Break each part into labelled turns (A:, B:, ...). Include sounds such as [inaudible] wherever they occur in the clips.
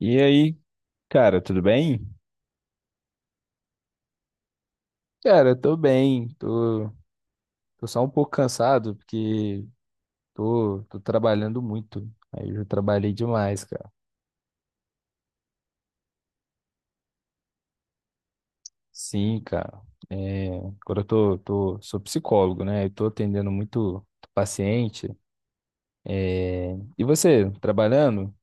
A: E aí, cara, tudo bem? Cara, eu tô bem, tô, só um pouco cansado porque tô trabalhando muito. Aí eu já trabalhei demais, cara. Sim, cara. É, agora eu tô, sou psicólogo, né? Eu tô atendendo muito paciente. É, e você, trabalhando?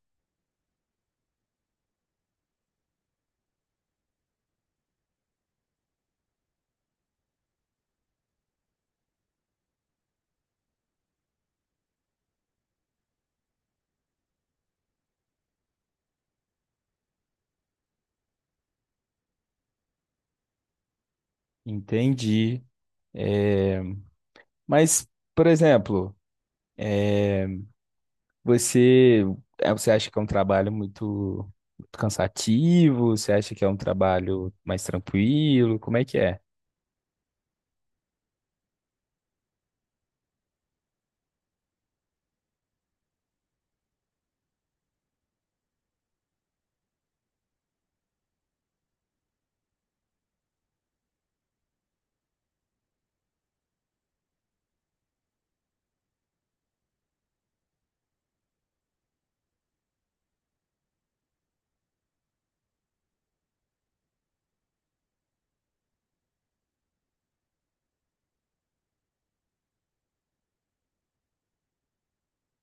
A: Entendi. É, mas, por exemplo, é, você, é, você acha que é um trabalho muito cansativo? Você acha que é um trabalho mais tranquilo? Como é que é?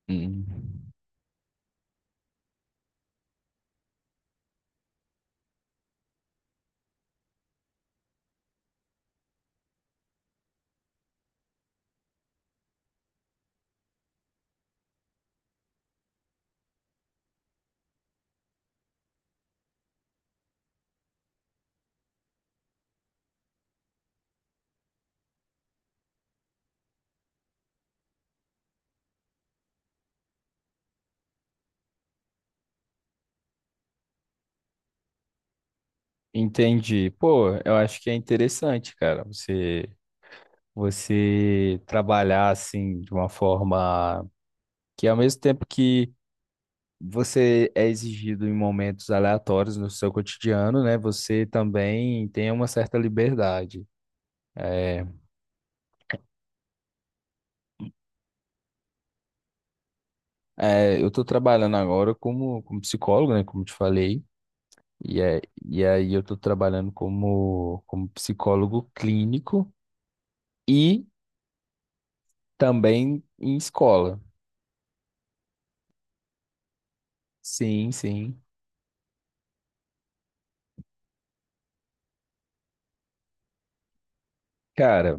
A: Hum. Entendi. Pô, eu acho que é interessante, cara, você trabalhar assim de uma forma que, ao mesmo tempo que você é exigido em momentos aleatórios no seu cotidiano, né, você também tem uma certa liberdade. É, é, eu estou trabalhando agora como, como psicólogo, né, como te falei, e, é, e aí eu estou trabalhando como, como psicólogo clínico e também em escola. Sim, sim. Cara,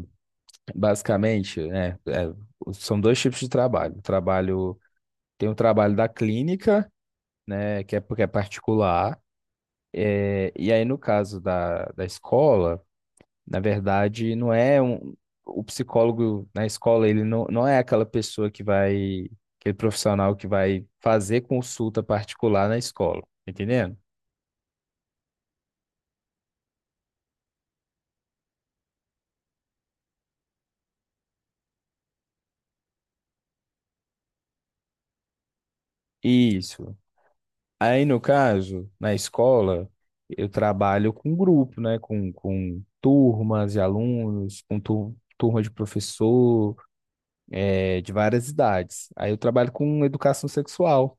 A: basicamente, né, é, são dois tipos de trabalho. Trabalho, tem o trabalho da clínica, né, que é porque é particular, é, e aí no caso da escola. Na verdade, não é um, o psicólogo na escola, ele não, não é aquela pessoa que vai, aquele profissional que vai fazer consulta particular na escola, tá entendendo? Isso. Aí, no caso, na escola, eu trabalho com grupo, né? Com turmas de alunos, com turma de professor, de várias idades. Aí eu trabalho com educação sexual.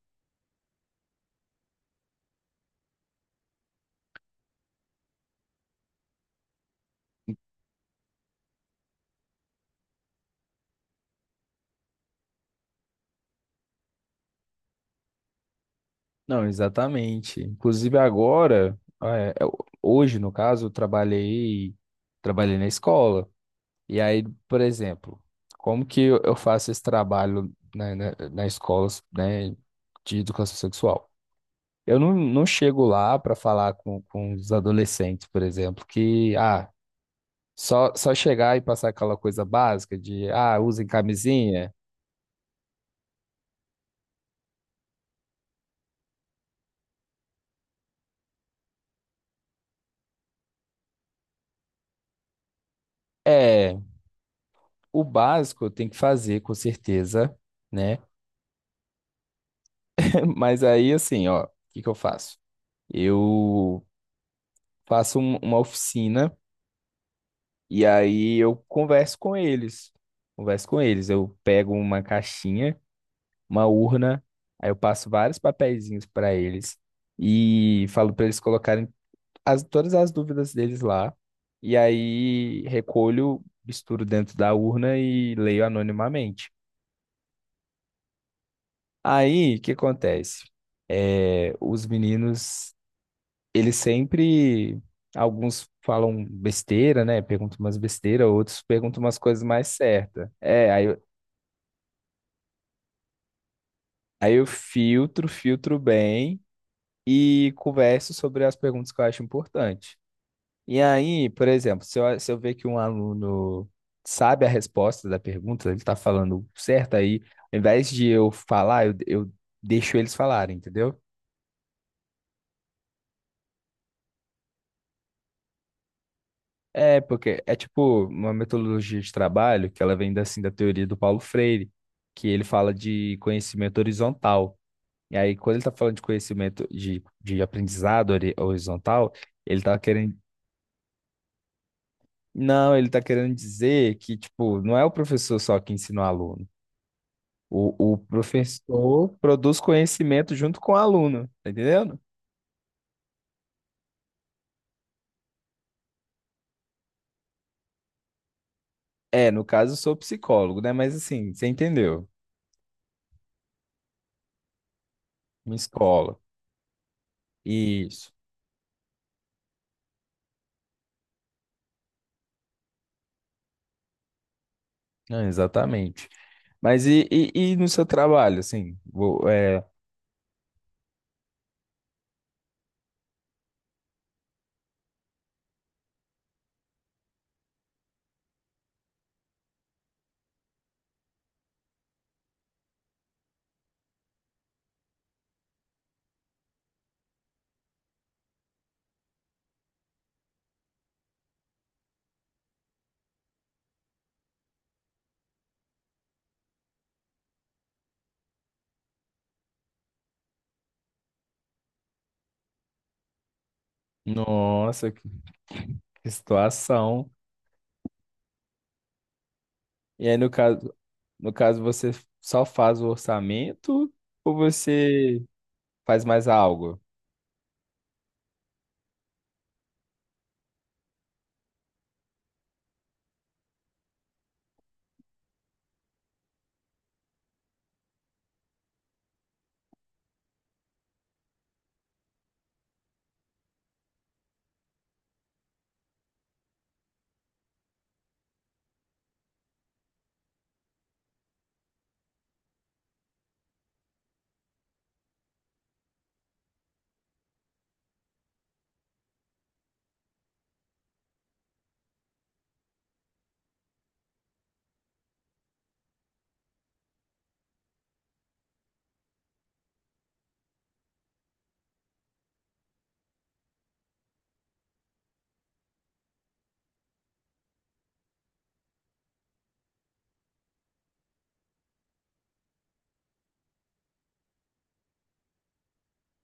A: Não, exatamente. Inclusive agora, é, é, hoje no caso, eu trabalhei, trabalhei na escola. E aí, por exemplo, como que eu faço esse trabalho na, na, na escola, né, de educação sexual? Eu não, não chego lá para falar com os adolescentes, por exemplo, que ah, só chegar e passar aquela coisa básica de ah, usem camisinha. É, o básico eu tenho que fazer, com certeza, né? Mas aí, assim, ó, o que que eu faço? Eu uma oficina e aí eu converso com eles. Converso com eles. Eu pego uma caixinha, uma urna, aí eu passo vários papeizinhos para eles e falo para eles colocarem as, todas as dúvidas deles lá. E aí recolho, misturo dentro da urna e leio anonimamente. Aí, o que acontece? É, os meninos ele sempre. Alguns falam besteira, né? Perguntam umas besteiras, outros perguntam umas coisas mais certas. É, aí eu filtro, filtro bem e converso sobre as perguntas que eu acho importante. E aí, por exemplo, se eu ver que um aluno sabe a resposta da pergunta, ele tá falando certo, aí, ao invés de eu falar, eu deixo eles falarem, entendeu? É, porque é tipo uma metodologia de trabalho que ela vem assim da teoria do Paulo Freire, que ele fala de conhecimento horizontal. E aí, quando ele tá falando de conhecimento de aprendizado horizontal, ele tá querendo. Não, ele tá querendo dizer que, tipo, não é o professor só que ensina o aluno. O professor produz conhecimento junto com o aluno, tá entendendo? É, no caso, eu sou psicólogo, né? Mas assim, você entendeu? Minha escola. Isso. Não, exatamente. Mas e no seu trabalho, assim? Vou, é, nossa, que situação. E aí, no caso, você só faz o orçamento ou você faz mais algo?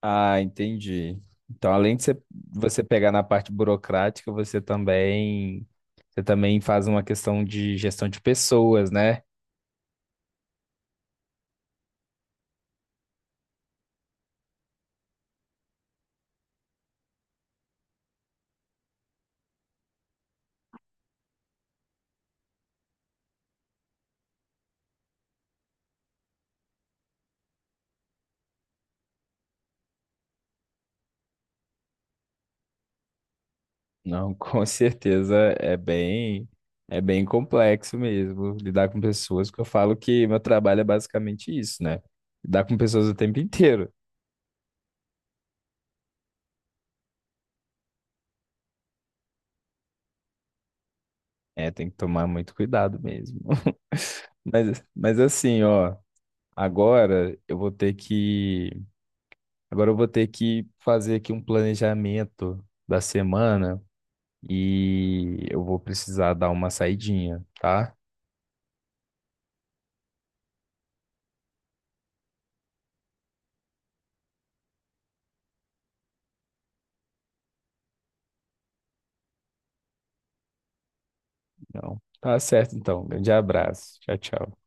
A: Ah, entendi. Então, além de você pegar na parte burocrática, você também faz uma questão de gestão de pessoas, né? Não, [laughs] com certeza é bem complexo mesmo lidar com pessoas, que eu falo que meu trabalho é basicamente isso, né? Lidar com pessoas o tempo inteiro. É, tem que tomar muito cuidado mesmo. [laughs] Mas assim, ó, agora eu vou ter que, agora eu vou ter que fazer aqui um planejamento da semana e eu vou precisar dar uma saidinha, tá? Não. Tá certo, então. Grande abraço. Tchau, tchau.